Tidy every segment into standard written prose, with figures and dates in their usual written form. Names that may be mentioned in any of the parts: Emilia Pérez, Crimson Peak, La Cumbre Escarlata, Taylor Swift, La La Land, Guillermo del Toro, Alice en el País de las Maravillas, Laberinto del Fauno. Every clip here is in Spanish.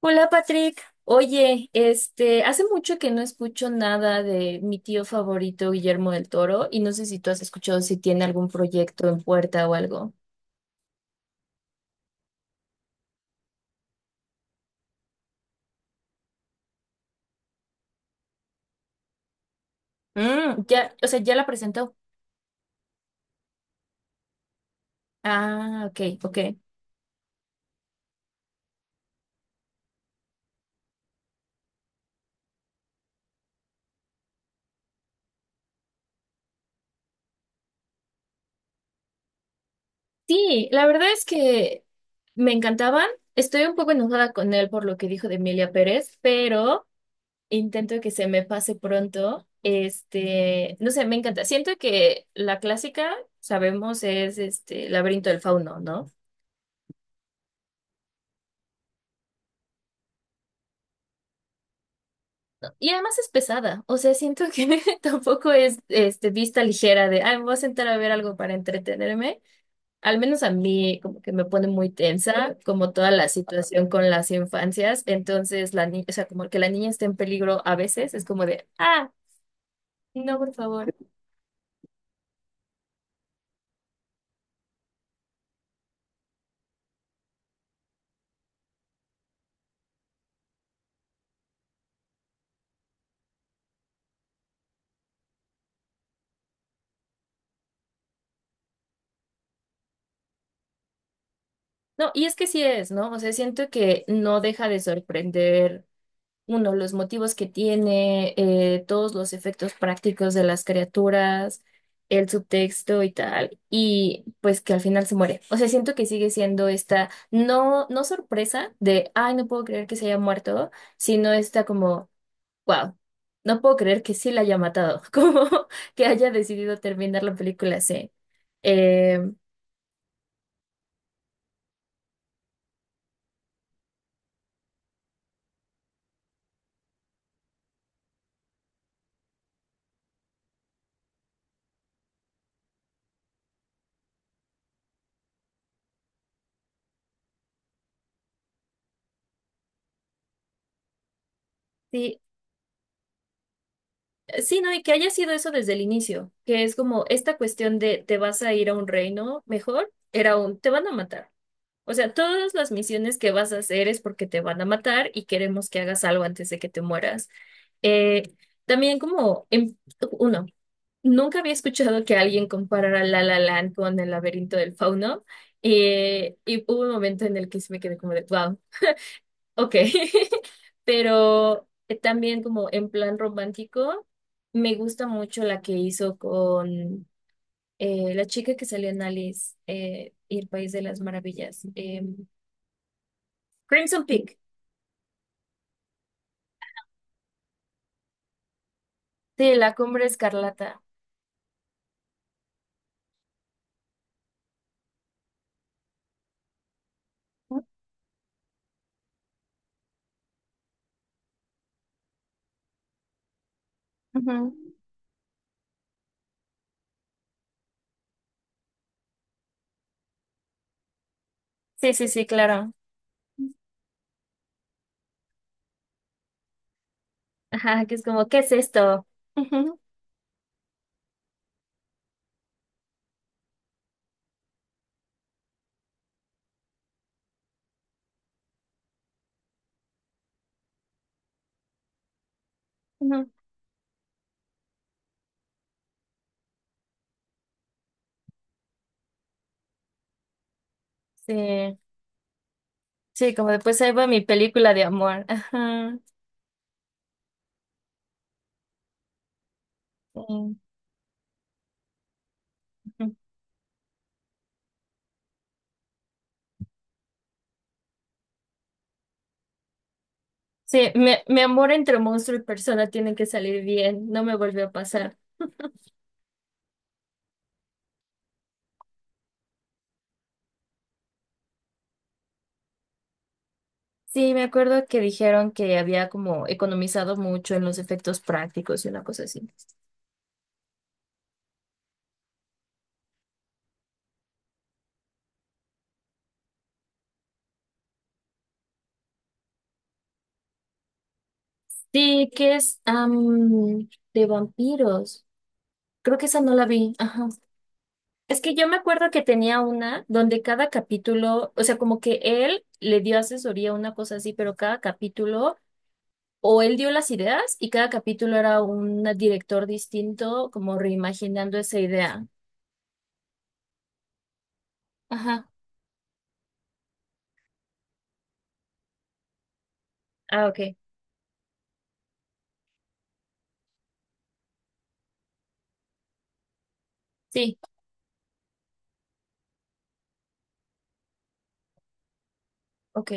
Hola Patrick, oye, hace mucho que no escucho nada de mi tío favorito Guillermo del Toro y no sé si tú has escuchado si tiene algún proyecto en puerta o algo. Ya, o sea, ya la presentó. Ah, ok, ok. Sí, la verdad es que me encantaban. Estoy un poco enojada con él por lo que dijo de Emilia Pérez, pero intento que se me pase pronto. No sé, me encanta. Siento que la clásica, sabemos, es este Laberinto del Fauno, ¿no? Y además es pesada, o sea, siento que tampoco es vista ligera de, ay, me voy a sentar a ver algo para entretenerme. Al menos a mí como que me pone muy tensa, como toda la situación con las infancias. Entonces, la niña, o sea, como que la niña está en peligro a veces, es como de, ah, no, por favor. No, y es que sí es, ¿no? O sea, siento que no deja de sorprender uno, los motivos que tiene, todos los efectos prácticos de las criaturas, el subtexto y tal, y pues que al final se muere. O sea, siento que sigue siendo esta, no, no sorpresa de, ay, no puedo creer que se haya muerto, sino esta como, wow, no puedo creer que sí la haya matado, como que haya decidido terminar la película así. Em, Sí, sí, no, y que haya sido eso desde el inicio, que es como esta cuestión de te vas a ir a un reino mejor, era un te van a matar. O sea, todas las misiones que vas a hacer es porque te van a matar y queremos que hagas algo antes de que te mueras. Eh, También como, uno, nunca había escuchado que alguien comparara La La Land con El laberinto del fauno y hubo un momento en el que sí me quedé como de, wow, ok. Pero también como en plan romántico, me gusta mucho la que hizo con la chica que salió en Alice y el País de las Maravillas. Crimson Peak, sí, La Cumbre Escarlata. Ujú. Sí, sí, sí, claro. Ajá, que es como, ¿qué es esto? Ujú, ujú. Sí, sí, como después ahí va mi película de amor. Ajá. Sí, ujú. Sí, mi amor entre monstruo y persona tiene que salir bien, no me volvió a pasar. Sí, me acuerdo que dijeron que había como economizado mucho en los efectos prácticos y una cosa así. Sí, que es am, de vampiros. Creo que esa no la vi. Ajá. Es que yo me acuerdo que tenía una donde cada capítulo, o sea, como que él le dio asesoría, una cosa así, pero cada capítulo, o él dio las ideas y cada capítulo era un director distinto, como reimaginando esa idea. Ajá. Ah, ok. Sí, ok.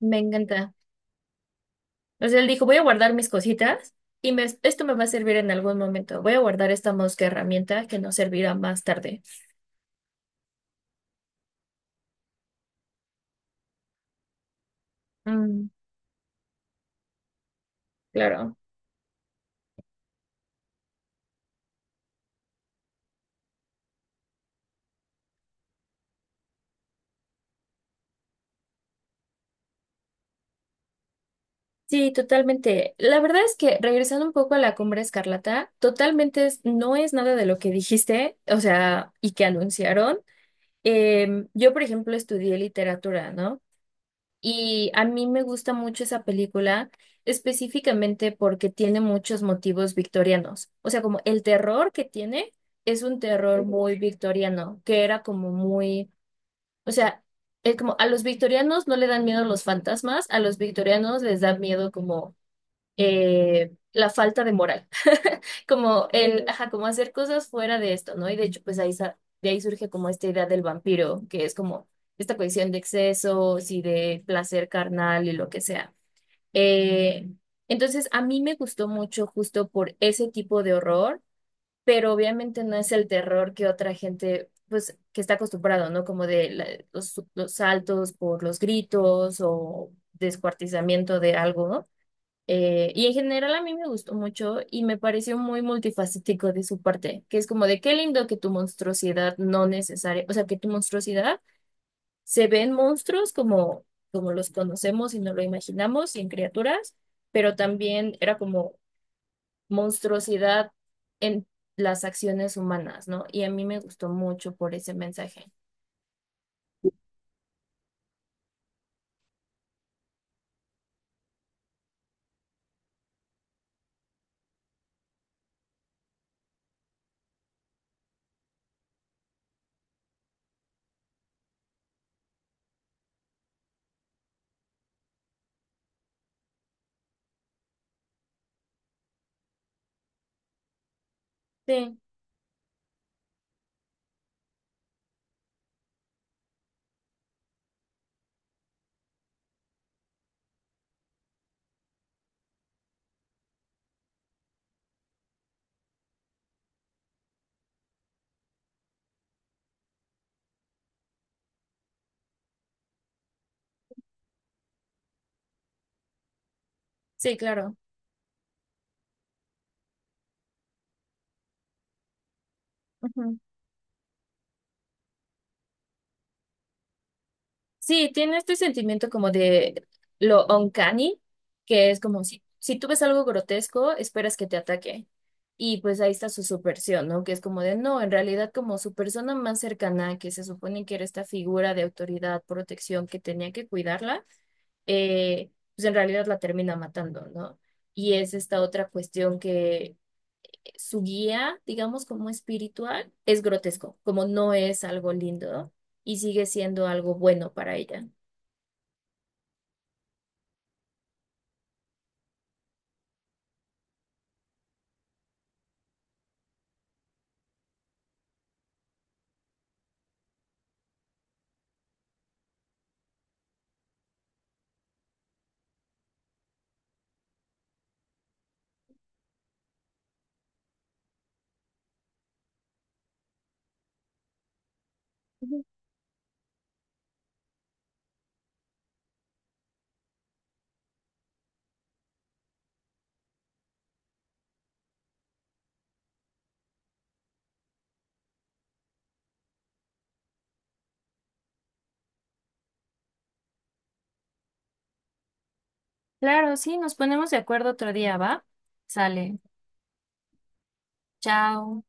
Me encanta. O sea, él dijo, voy a guardar mis cositas y esto me va a servir en algún momento. Voy a guardar esta mosca herramienta que nos servirá más tarde. Mm, claro. Sí, totalmente. La verdad es que regresando un poco a la Cumbre Escarlata, totalmente no es nada de lo que dijiste, o sea, y que anunciaron. Yo, por ejemplo, estudié literatura, ¿no? Y a mí me gusta mucho esa película, específicamente porque tiene muchos motivos victorianos. O sea, como el terror que tiene es un terror muy victoriano, que era como muy, o sea, es como a los victorianos no le dan miedo los fantasmas, a los victorianos les da miedo como la falta de moral como el, ajá, como hacer cosas fuera de esto, ¿no? Y de hecho, pues ahí, de ahí surge como esta idea del vampiro, que es como esta cuestión de excesos y de placer carnal y lo que sea. Eh, entonces, a mí me gustó mucho justo por ese tipo de horror, pero obviamente no es el terror que otra gente, pues, que está acostumbrado, ¿no? Como de los saltos por los gritos o descuartizamiento de algo, ¿no? Y en general a mí me gustó mucho y me pareció muy multifacético de su parte, que es como de qué lindo que tu monstruosidad no necesaria, o sea, que tu monstruosidad se ve en monstruos como, como los conocemos y no lo imaginamos y en criaturas, pero también era como monstruosidad en las acciones humanas, ¿no? Y a mí me gustó mucho por ese mensaje. Sí, sí, claro. Sí, tiene este sentimiento como de lo uncanny, que es como si, si tú ves algo grotesco, esperas que te ataque. Y pues ahí está su subversión, ¿no? Que es como de, no, en realidad como su persona más cercana, que se supone que era esta figura de autoridad, protección, que tenía que cuidarla, pues en realidad la termina matando, ¿no? Y es esta otra cuestión que su guía, digamos, como espiritual, es grotesco, como no es algo lindo y sigue siendo algo bueno para ella. Claro, sí, nos ponemos de acuerdo otro día, ¿va? Sale. Chao.